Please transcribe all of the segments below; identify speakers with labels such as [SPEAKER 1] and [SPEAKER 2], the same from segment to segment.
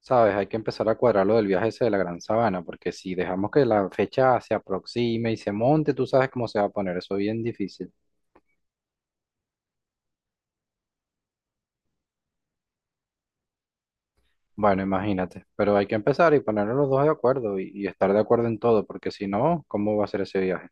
[SPEAKER 1] ¿Sabes? Hay que empezar a cuadrar lo del viaje ese de la Gran Sabana, porque si dejamos que la fecha se aproxime y se monte, tú sabes cómo se va a poner, eso es bien difícil. Bueno, imagínate, pero hay que empezar y ponernos los dos de acuerdo y estar de acuerdo en todo, porque si no, ¿cómo va a ser ese viaje?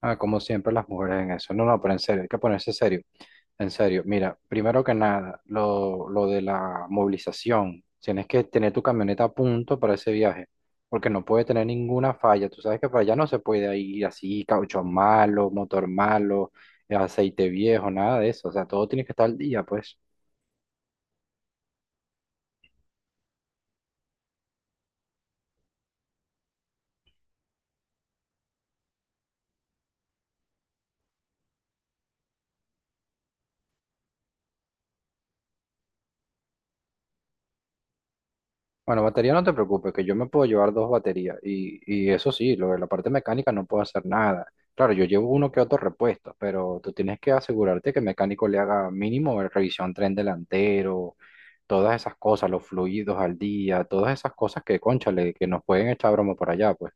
[SPEAKER 1] Ah, como siempre las mujeres en eso. No, no, pero en serio, hay que ponerse serio. En serio, mira, primero que nada, lo de la movilización. Tienes que tener tu camioneta a punto para ese viaje, porque no puede tener ninguna falla. Tú sabes que para allá no se puede ir así, caucho malo, motor malo, aceite viejo, nada de eso. O sea, todo tiene que estar al día, pues. Bueno, batería no te preocupes, que yo me puedo llevar dos baterías. Y eso sí, lo de la parte mecánica no puedo hacer nada. Claro, yo llevo uno que otro repuesto, pero tú tienes que asegurarte que el mecánico le haga mínimo revisión tren delantero todas esas cosas, los fluidos al día, todas esas cosas que, cónchale, que nos pueden echar broma por allá, pues.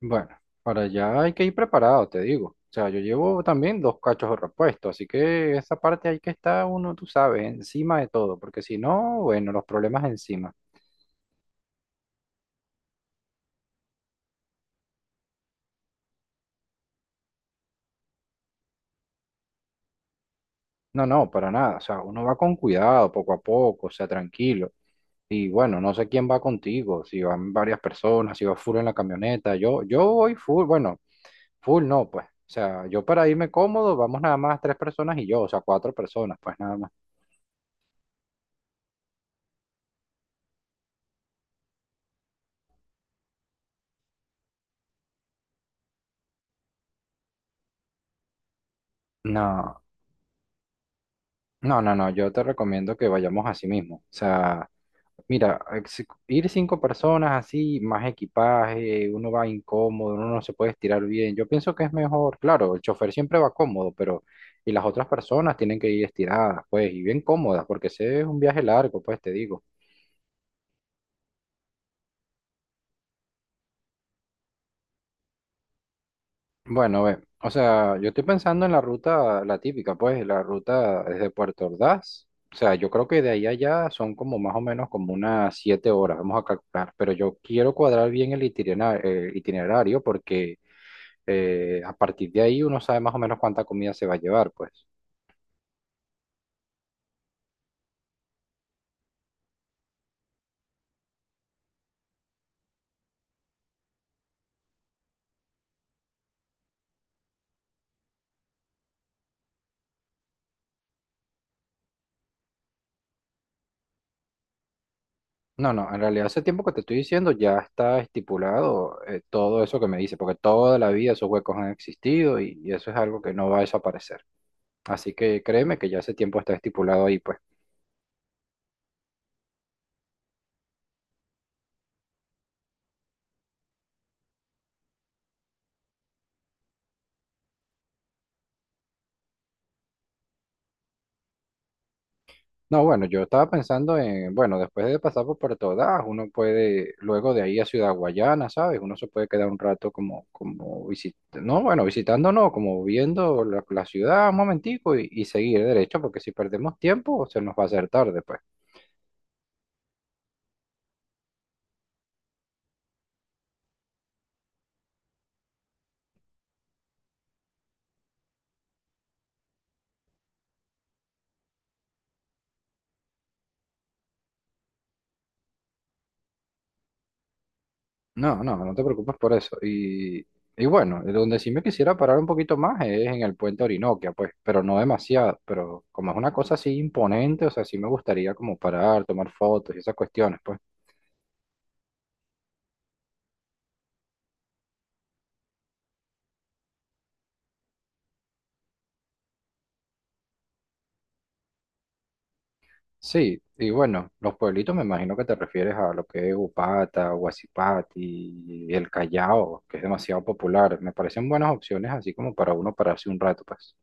[SPEAKER 1] Bueno, para allá hay que ir preparado, te digo. O sea, yo llevo también dos cachos de repuesto, así que esa parte hay que estar uno, tú sabes, encima de todo, porque si no, bueno, los problemas encima. No, no, para nada. O sea, uno va con cuidado, poco a poco, o sea, tranquilo. Y bueno, no sé quién va contigo, si van varias personas, si va full en la camioneta. Yo voy full, bueno, full no, pues. O sea, yo para irme cómodo, vamos nada más tres personas y yo, o sea, cuatro personas, pues nada más. No, no, no, no, yo te recomiendo que vayamos así mismo. O sea, mira, ir cinco personas así, más equipaje, uno va incómodo, uno no se puede estirar bien. Yo pienso que es mejor, claro, el chofer siempre va cómodo, pero y las otras personas tienen que ir estiradas, pues, y bien cómodas, porque ese es un viaje largo, pues, te digo. Bueno, ve, o sea, yo estoy pensando en la ruta, la típica, pues, la ruta desde Puerto Ordaz. O sea, yo creo que de ahí a allá son como más o menos como unas 7 horas, vamos a calcular. Pero yo quiero cuadrar bien el el itinerario porque a partir de ahí uno sabe más o menos cuánta comida se va a llevar, pues. No, no, en realidad ese tiempo que te estoy diciendo ya está estipulado todo eso que me dice, porque toda la vida esos huecos han existido y eso es algo que no va a desaparecer. Así que créeme que ya ese tiempo está estipulado ahí, pues. No, bueno, yo estaba pensando en, bueno, después de pasar por Puerto Ordaz, uno puede, luego de ahí a Ciudad Guayana, ¿sabes? Uno se puede quedar un rato como, como visitando, no, bueno, visitando no, como viendo la ciudad un momentico y seguir derecho, porque si perdemos tiempo se nos va a hacer tarde, pues. No, no, no te preocupes por eso. Y bueno, donde sí me quisiera parar un poquito más es en el puente Orinoquia, pues, pero no demasiado, pero como es una cosa así imponente, o sea, sí me gustaría como parar, tomar fotos y esas cuestiones, pues. Sí, y bueno, los pueblitos me imagino que te refieres a lo que es Upata, Huasipati, El Callao, que es demasiado popular. Me parecen buenas opciones así como para uno pararse un rato, pues.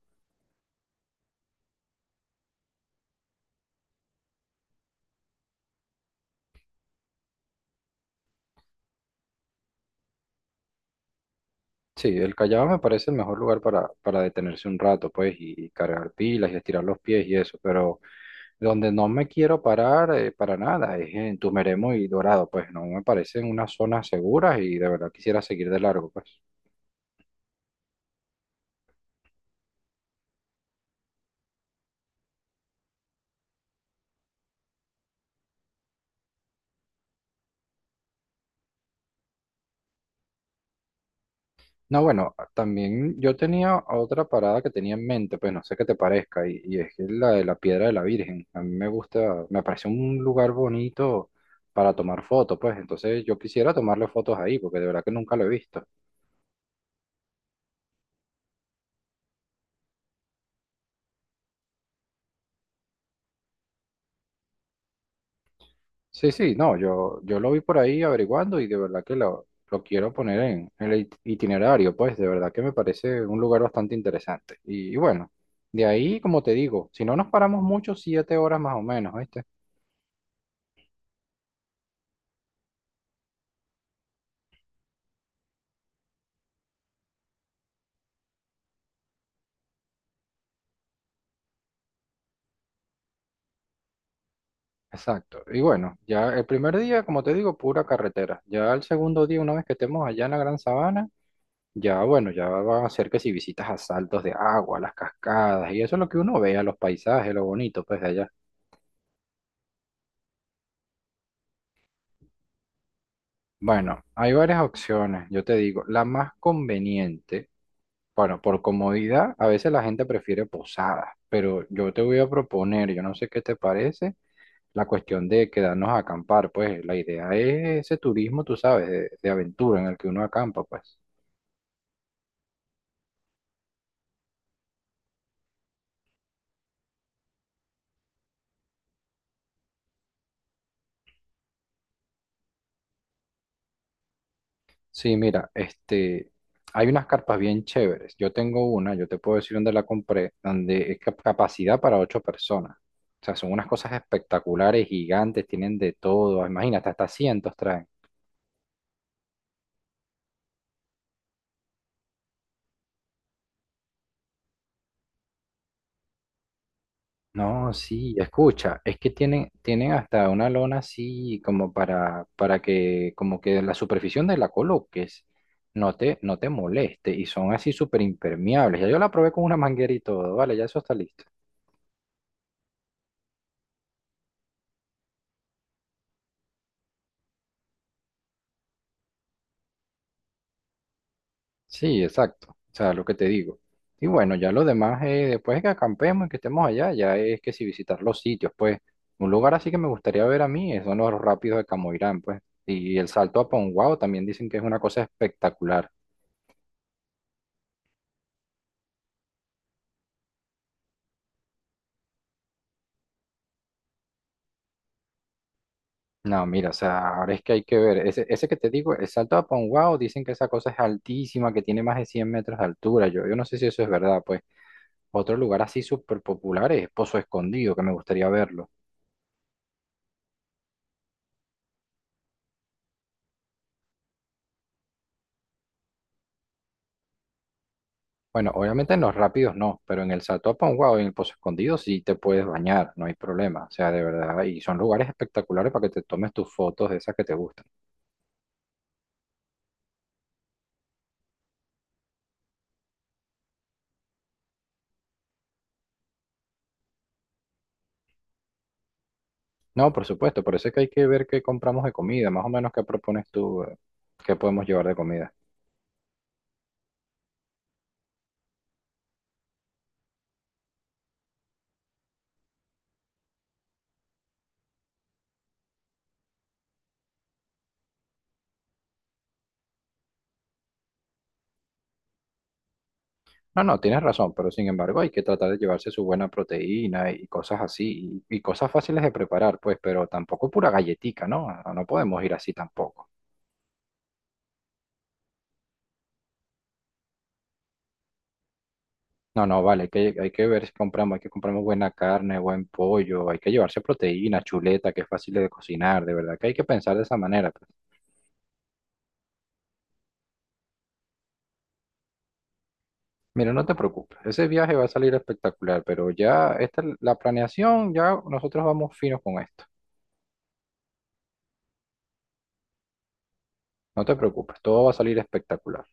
[SPEAKER 1] Sí, El Callao me parece el mejor lugar para detenerse un rato, pues, y cargar pilas y estirar los pies y eso, pero donde no me quiero parar para nada es en Tumeremo y Dorado, pues no me parecen unas zonas seguras y de verdad quisiera seguir de largo, pues. No, bueno, también yo tenía otra parada que tenía en mente, pues no sé qué te parezca, y es que la de la Piedra de la Virgen. A mí me gusta, me parece un lugar bonito para tomar fotos, pues entonces yo quisiera tomarle fotos ahí, porque de verdad que nunca lo he visto. Sí, sí, no, yo lo vi por ahí averiguando y de verdad que lo quiero poner en el itinerario, pues de verdad que me parece un lugar bastante interesante. Y bueno, de ahí, como te digo, si no nos paramos mucho, 7 horas más o menos, ¿viste? Exacto. Y bueno, ya el primer día, como te digo, pura carretera. Ya el segundo día, una vez que estemos allá en la Gran Sabana, ya bueno, ya van a ser que si visitas a saltos de agua, las cascadas, y eso es lo que uno ve, a los paisajes, lo bonito, pues de allá. Bueno, hay varias opciones, yo te digo, la más conveniente, bueno, por comodidad, a veces la gente prefiere posadas, pero yo te voy a proponer, yo no sé qué te parece, la cuestión de quedarnos a acampar, pues la idea es ese turismo, tú sabes, de aventura en el que uno acampa, pues. Sí, mira, hay unas carpas bien chéveres. Yo tengo una, yo te puedo decir dónde la compré, donde es capacidad para 8 personas. O sea, son unas cosas espectaculares, gigantes, tienen de todo. Imagínate, hasta cientos traen. No, sí, escucha, es que tienen, tienen hasta una lona así como para que, como que la superficie de la coloques no te moleste y son así súper impermeables. Ya yo la probé con una manguera y todo, vale, ya eso está listo. Sí, exacto. O sea, lo que te digo. Y bueno, ya lo demás, después de que acampemos y que estemos allá, ya es que si visitar los sitios, pues, un lugar así que me gustaría ver a mí, son los rápidos de Camoirán, pues. Y el salto a Ponguao también dicen que es una cosa espectacular. No, mira, o sea, ahora es que hay que ver. Ese que te digo, el salto a Ponguao, dicen que esa cosa es altísima, que tiene más de 100 metros de altura. Yo no sé si eso es verdad, pues. Otro lugar así súper popular es Pozo Escondido, que me gustaría verlo. Bueno, obviamente en los rápidos no, pero en el Salto wow, en el Pozo Escondido sí te puedes bañar, no hay problema. O sea, de verdad, y son lugares espectaculares para que te tomes tus fotos de esas que te gustan. No, por supuesto, por eso es que hay que ver qué compramos de comida, más o menos qué propones tú, qué podemos llevar de comida. No, no, tienes razón, pero sin embargo hay que tratar de llevarse su buena proteína y cosas así, y cosas fáciles de preparar, pues, pero tampoco pura galletica, ¿no? No no podemos ir así tampoco. No, no, vale, hay que ver si compramos, hay que compramos buena carne, buen pollo, hay que llevarse proteína, chuleta, que es fácil de cocinar, de verdad que hay que pensar de esa manera. Pues. Mira, no te preocupes, ese viaje va a salir espectacular, pero ya esta, la planeación, ya nosotros vamos finos con esto. No te preocupes, todo va a salir espectacular.